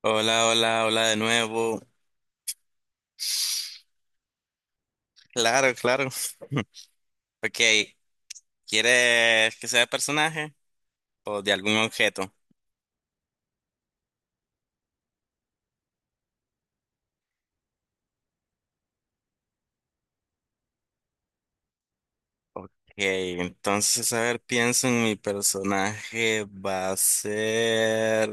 Hola, hola, hola de nuevo. Claro, claro. Ok, ¿quieres que sea de personaje o de algún objeto? Ok, entonces, a ver, pienso en mi personaje. Va a ser...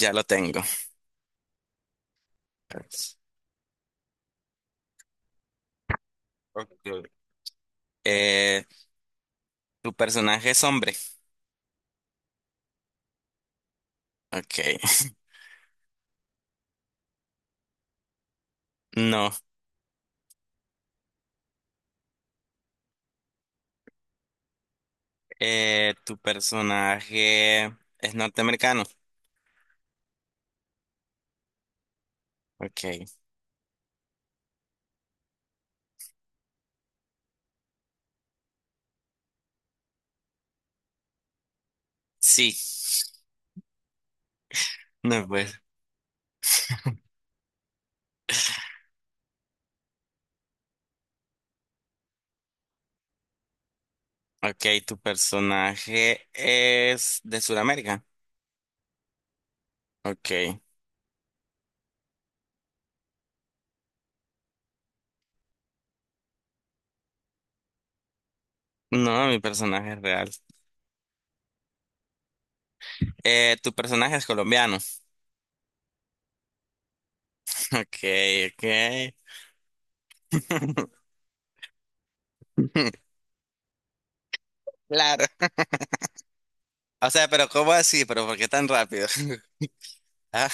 Ya lo tengo. Ok. Eh, ¿Tu personaje es hombre? Ok. No. ¿Tu personaje es norteamericano? Ok. Sí. No, pues. Ok, tu personaje es de Sudamérica. Ok. No, mi personaje es real. Tu personaje es colombiano. Ok, ok. Claro. O sea, pero ¿cómo así? ¿Pero por qué tan rápido? Ah,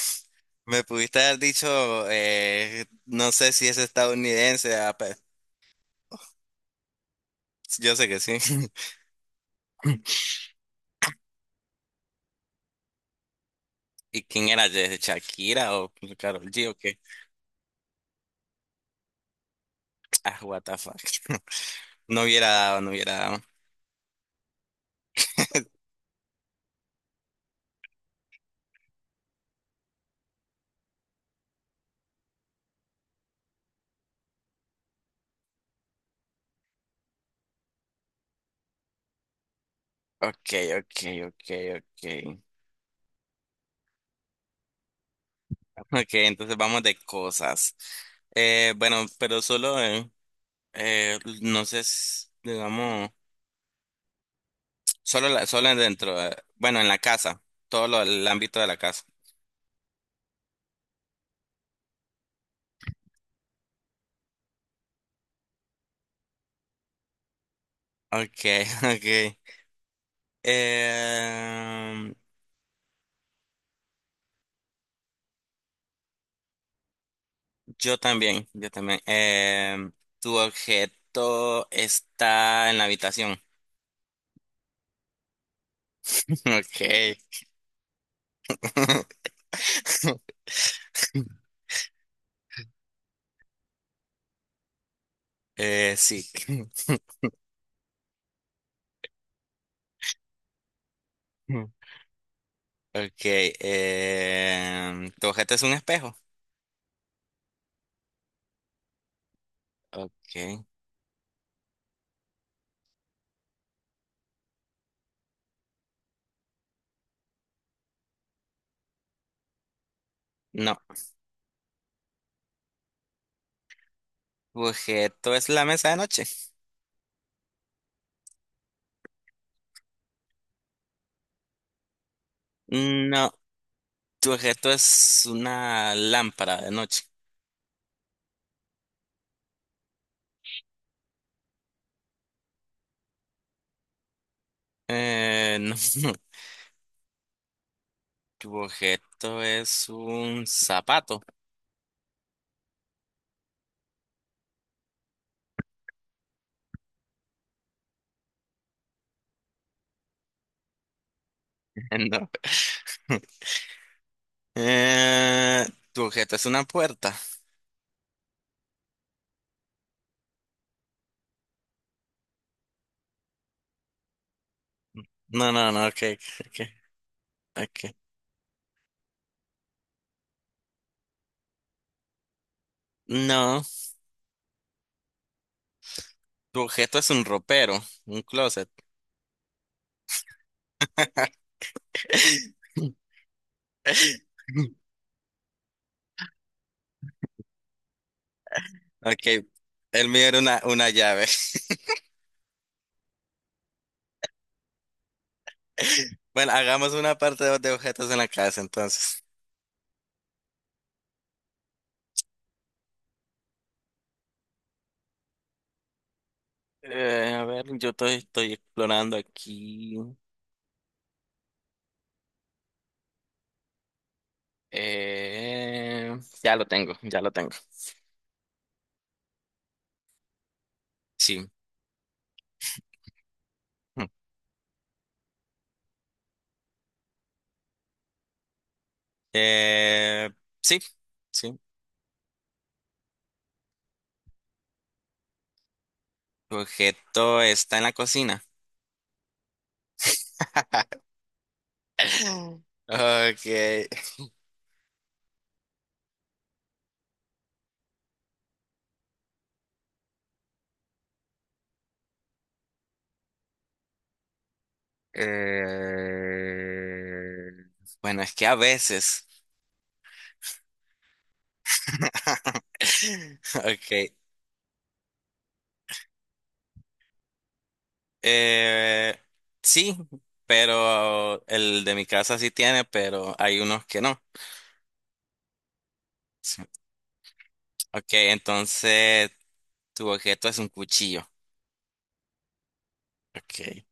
me pudiste haber dicho, no sé si es estadounidense. Ah, yo sé que sí. ¿Y quién era? ¿De Shakira o Karol G o qué? Ah, what the fuck. No hubiera dado, no hubiera dado. Ok, ok, ok, ok. Ok, entonces vamos de cosas. Bueno, pero solo, no sé, digamos, solo dentro, bueno, en la casa, el ámbito de la casa. Ok, ok. Em, yo también, yo también. Em, tu objeto está en la habitación. Ok. Sí. Ok. Em, tu objeto es un espejo. Ok. No. ¿Tu objeto es la mesa de noche? No. ¿Tu objeto es una lámpara de noche? No. ¿Tu objeto es un zapato? No. Eh, ¿Tu objeto es una puerta? No, no, no, ok, ok, ok. No. ¿Tu objeto es un ropero? Un closet. Ok. El mío era una llave. Bueno, hagamos una parte de objetos en la casa entonces. A ver, estoy explorando aquí. Eh, ya lo tengo, ya lo tengo. Sí. Mm. Eh, sí, sí. Tu objeto está en la cocina. Okay. Eh, bueno, es que a veces. Okay. Eh, sí, pero el de mi casa sí tiene, pero hay unos que no. Sí. Okay, entonces tu objeto es un cuchillo. Ok.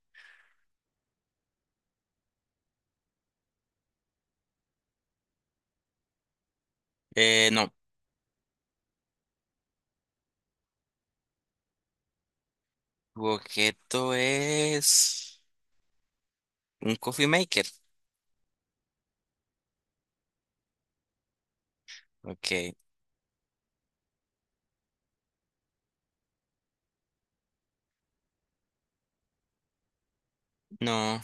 No. Tu objeto es un coffee maker. Ok. No.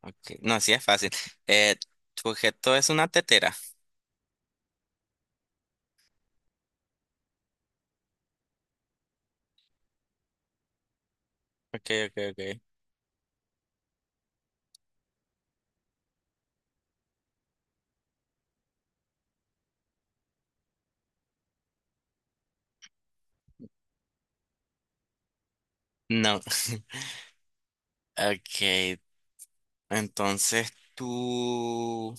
Ok. No, así es fácil. Eh, Tu objeto es una tetera. Ok, ok, ok. No. Ok. Entonces tu,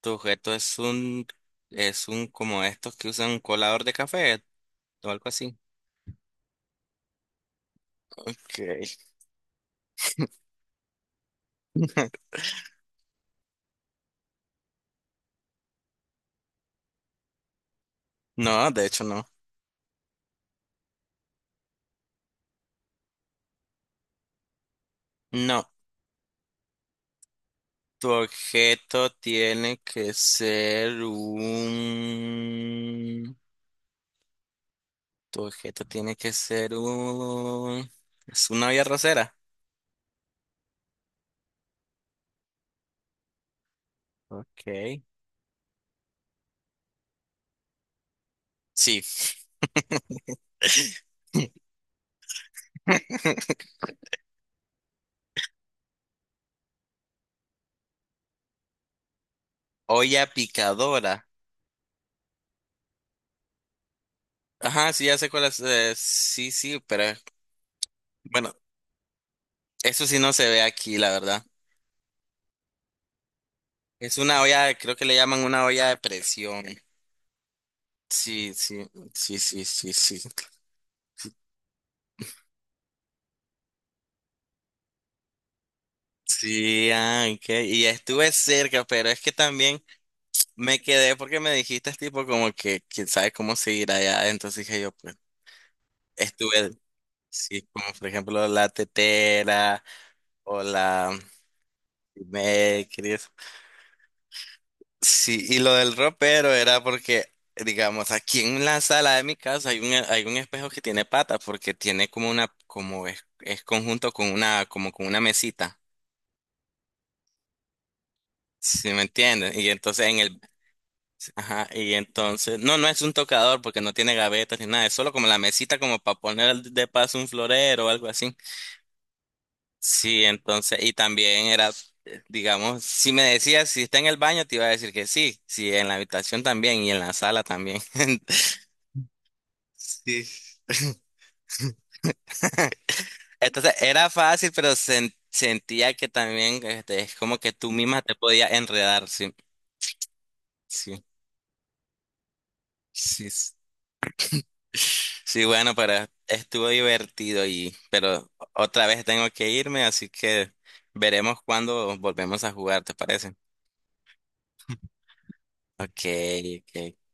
Tu objeto es es un como estos que usan un colador de café o algo así. Ok. No, de hecho no. No. Tu objeto tiene que ser un... Tu objeto tiene que ser un... Es una olla rosera. Ok. Sí. Olla picadora. Ajá, sí, ya sé cuál es. Sí, sí, pero bueno, eso sí no se ve aquí, la verdad. Es una olla, creo que le llaman una olla de presión. Sí, sí, sí, sí, sí, sí. Sí, ah, ok. Y estuve cerca, pero es que también... Me quedé porque me dijiste tipo como que quién sabe cómo seguir allá. Entonces dije yo, pues, estuve, sí, como por ejemplo la tetera o la Makeries. Sí, y lo del ropero era porque, digamos, aquí en la sala de mi casa hay hay un espejo que tiene patas porque tiene como una, es conjunto con una, como con una mesita. ¿Sí me entiendes? Y entonces en el Ajá, y entonces, no, no es un tocador porque no tiene gavetas ni nada, es solo como la mesita como para poner de paso un florero o algo así. Sí, entonces, y también era, digamos, si me decías si está en el baño, te iba a decir que sí, sí, en la habitación también y en la sala también. Sí. Entonces, era fácil, pero sentía que también este, es como que tú misma te podías enredar, sí, sí, sí. Sí, bueno, pero estuvo divertido y, pero otra vez tengo que irme, así que veremos cuándo volvemos a jugar, ¿te parece? Ok, ok.